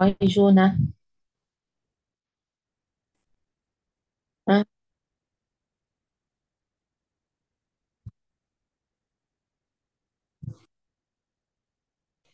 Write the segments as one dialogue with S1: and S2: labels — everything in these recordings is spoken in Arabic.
S1: هاي جونا. ها.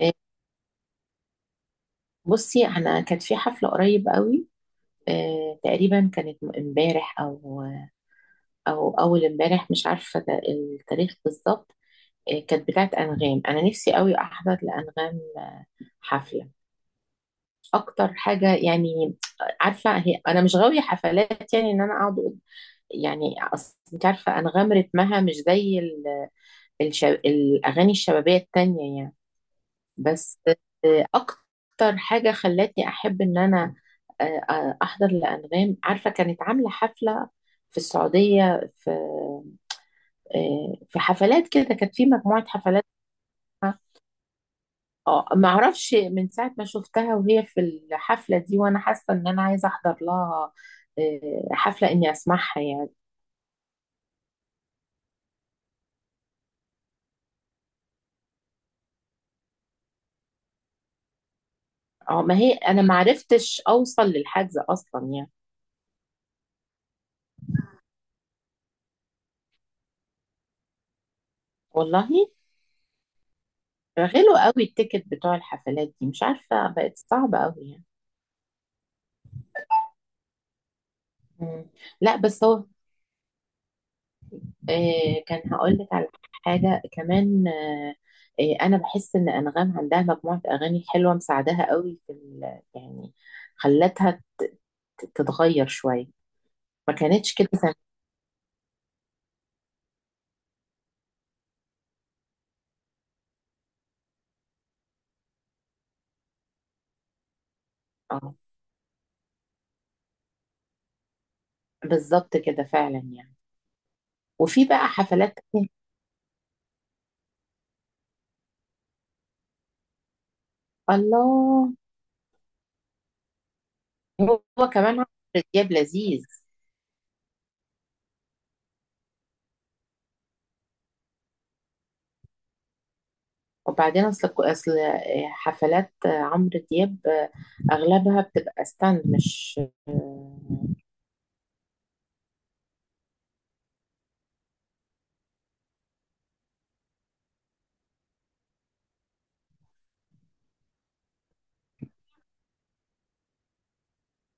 S1: آه، بصي انا كانت في حفله قريب قوي. تقريبا كانت امبارح او اول امبارح، مش عارفه ده التاريخ بالظبط. كانت بتاعت انغام، انا نفسي قوي احضر لانغام حفله، اكتر حاجه يعني. عارفه، هي انا مش غاويه حفلات، يعني ان انا اقعد يعني أصل انت عارفه انغام رتمها مش زي الاغاني الشبابيه التانيه يعني. بس اكتر حاجه خلتني احب ان انا آه، احضر لانغام، عارفه كانت عامله حفله في السعوديه، في حفلات كده، كانت في مجموعه حفلات. اه ما اعرفش من ساعه ما شفتها وهي في الحفله دي، وانا حاسه ان انا عايزه احضر لها حفله اني اسمعها يعني. اه ما هي انا ما عرفتش اوصل للحجز اصلا يعني. والله غلوا قوي التيكت بتوع الحفلات دي، مش عارفه بقت صعبه قوي يعني. مم. لا بس هو كان هقول لك على حاجة كمان أنا بحس إن أنغام عندها مجموعة أغاني حلوة مساعدها قوي في يعني خلتها ت- تتغير شوية، ما كانتش كده زمان. اه بالظبط كده فعلا يعني. وفي بقى حفلات تانية. الله. هو كمان عمرو دياب لذيذ. وبعدين أصل حفلات عمرو دياب أغلبها بتبقى ستاند، مش آه،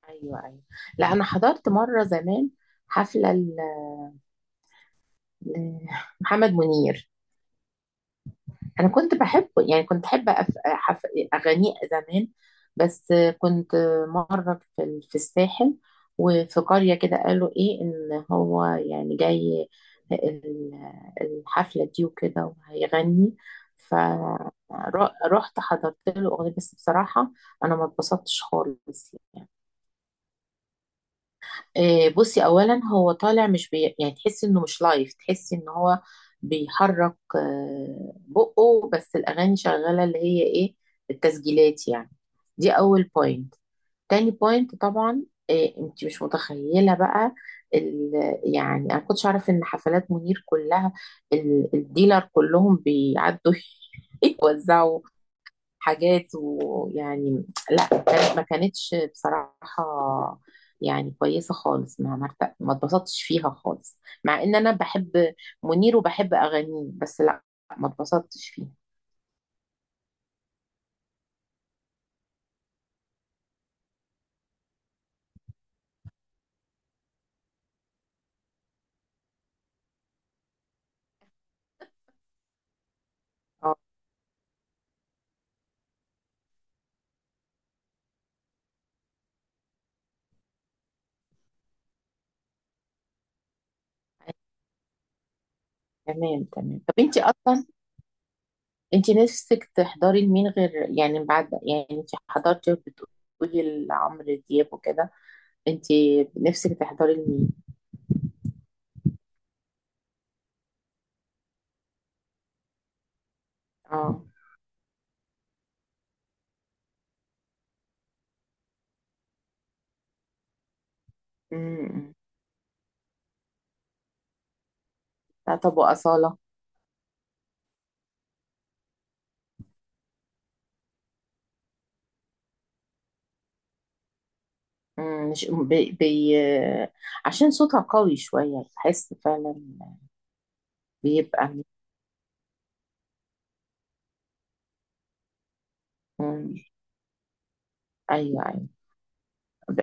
S1: ايوه ايوه. لا انا حضرت مره زمان حفله لمحمد منير. انا كنت بحبه يعني، كنت بحب اغانيه زمان. بس كنت مره في في الساحل وفي قريه كده، قالوا ايه ان هو يعني جاي ال- الحفله دي وكده وهيغني. فرحت حضرت له اغنيه، بس بصراحه انا ما اتبسطتش خالص يعني. بصي، اولا هو طالع مش يعني تحس انه مش لايف، تحس ان هو بيحرك بقه، بس الاغاني شغاله، اللي هي ايه، التسجيلات يعني. دي اول بوينت. تاني بوينت طبعا إيه، انت مش متخيله بقى ال... يعني انا كنتش اعرف ان حفلات منير كلها الديلر كلهم بيعدوا يوزعوا حاجات ويعني. لا كانت، ما كانتش بصراحة يعني كويسة خالص، ما ما اتبسطتش فيها خالص، مع ان انا بحب منير وبحب اغانيه، بس لا، ما اتبسطتش فيها. اه تمام تمام. طب انت اصلا، انت نفسك تحضري لمين غير، يعني بعد، يعني انت حضرتي بتقولي لعمرو دياب وكده، انت نفسك تحضري لمين؟ اه. امم لا، طب وأصالة؟ مش بي، عشان صوتها قوي شوية بحس فعلا. بيبقى مم، أيوه أيوه. ب-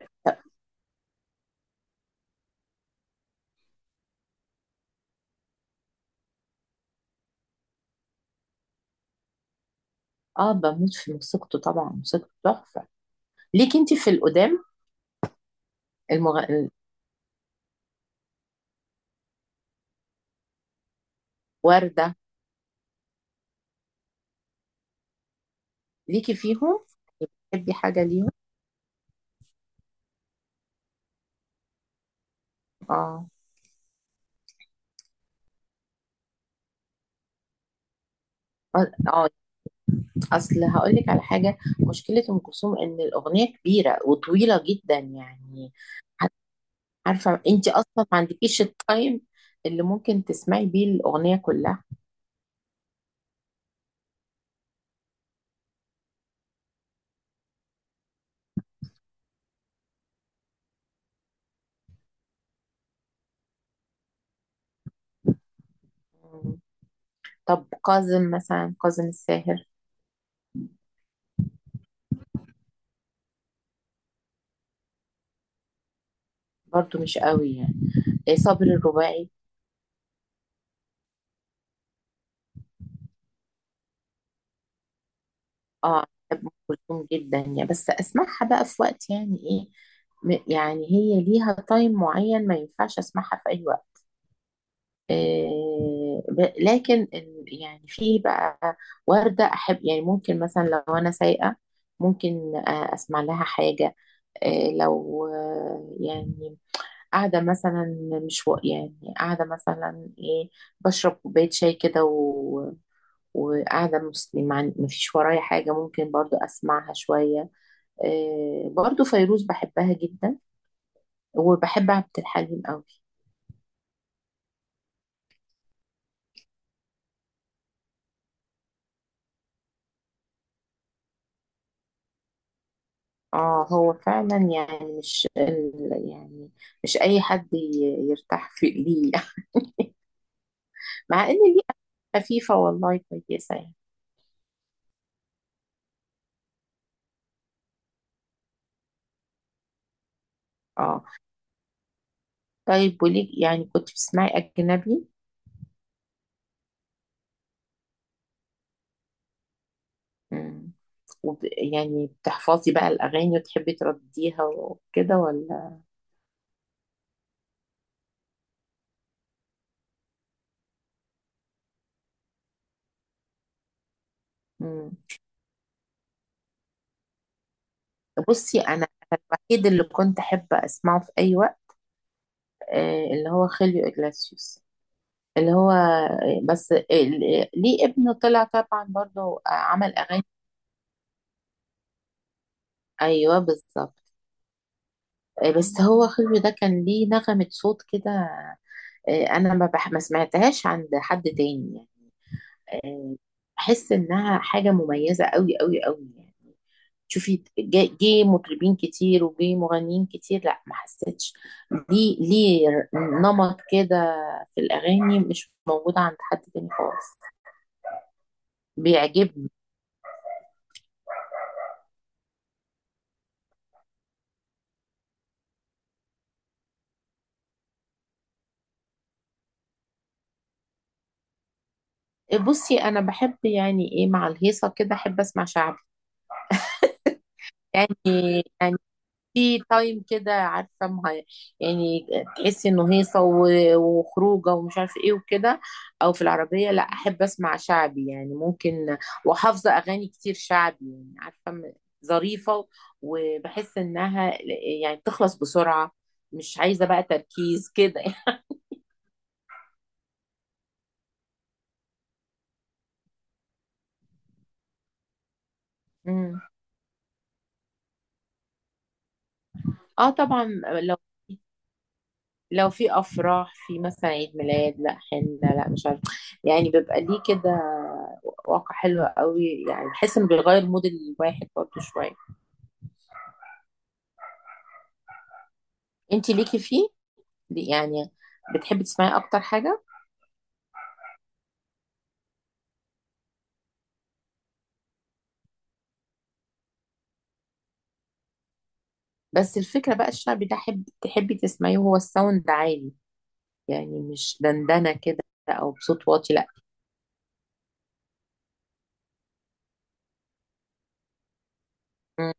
S1: اه بموت في موسيقته طبعا، موسيقته تحفة. ليكي انت في القدام؟ المغ... الوردة، ليكي فيهم، بتحبي حاجة ليهم؟ اه اه. اصل هقول لك على حاجة، مشكلة ام كلثوم ان الأغنية كبيرة وطويلة جدا يعني. عارفة انت اصلا ما عندكيش التايم اللي ممكن تسمعي بيه الأغنية كلها. طب كاظم مثلا، كاظم الساهر؟ برضو مش قوي يعني. إيه صابر الرباعي؟ اه بحب ام كلثوم جدا يعني، بس اسمعها بقى في وقت يعني ايه، يعني هي ليها تايم معين، ما ينفعش اسمعها في اي وقت. إيه لكن يعني في بقى وردة احب يعني، ممكن مثلا لو انا سايقة ممكن اسمع لها حاجة. إيه، لو يعني قاعدة مثلا، مش يعني قاعدة مثلا ايه، بشرب كوباية شاي كده، و... وقاعدة مسلمة مفيش ورايا حاجة، ممكن برضو أسمعها شوية. إيه برضو فيروز بحبها جدا، وبحب عبد الحليم قوي. اه هو فعلا يعني، مش يعني مش أي حد يرتاح في ليه. مع إن ليه خفيفة والله، كويسة يعني. اه طيب، وليك يعني كنت بتسمعي أجنبي؟ وب... يعني بتحفظي بقى الأغاني وتحبي ترديها وكده ولا؟ مم. بصي أنا الوحيد اللي كنت أحب أسمعه في أي وقت اللي هو خيليو إجلاسيوس. اللي هو بس ليه ابنه طلع طبعا برضه عمل أغاني. أيوه بالظبط. بس هو خيليو ده كان ليه نغمة صوت كده، أنا ما سمعتهاش عند حد تاني يعني. آه، بحس إنها حاجة مميزة أوي أوي أوي يعني. شوفي جه مطربين كتير وجه مغنيين كتير، لا ما حسيتش ليه نمط كده في الأغاني مش موجود عند حد تاني خالص. بيعجبني. بصي أنا بحب يعني إيه، مع الهيصة كده أحب أسمع شعبي. يعني يعني في تايم كده، عارفه يعني تحسي انه هيصه وخروجه ومش عارفه ايه وكده. او في العربيه لا احب اسمع شعبي يعني، ممكن وحافظه اغاني كتير شعبي يعني، عارفه ظريفه، وبحس انها يعني تخلص بسرعه، مش عايزه بقى تركيز كده. امم اه طبعا. لو لو في افراح، في مثلا عيد ميلاد، لا حنه، لا مش عارفه. يعني بيبقى ليه كده واقع حلو قوي يعني، بحس انه بيغير مود الواحد برضه شويه. انت ليكي فيه، يعني بتحبي تسمعي اكتر حاجه؟ بس الفكره بقى الشعبي ده حب تحبي تسمعيه وهو الساوند عالي؟ يعني مش دندنه كده او بصوت واطي، لا. مم،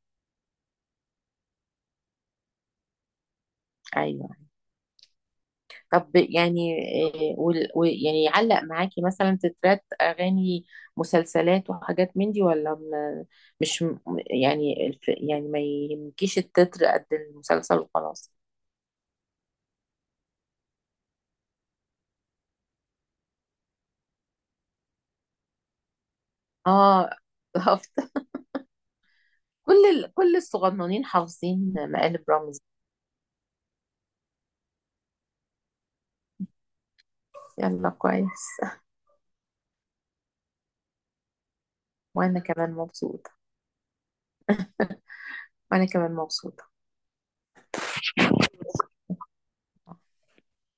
S1: ايوه. طب يعني إيه، ويعني يعلق معاكي مثلا تترات اغاني مسلسلات وحاجات من دي، ولا مش يعني يعني ما يهمكيش التتر قد المسلسل وخلاص؟ اه كل كل الصغننين حافظين مقالب رمزي. يلا كويس. وانا كمان مبسوطة. وانا كمان مبسوطة.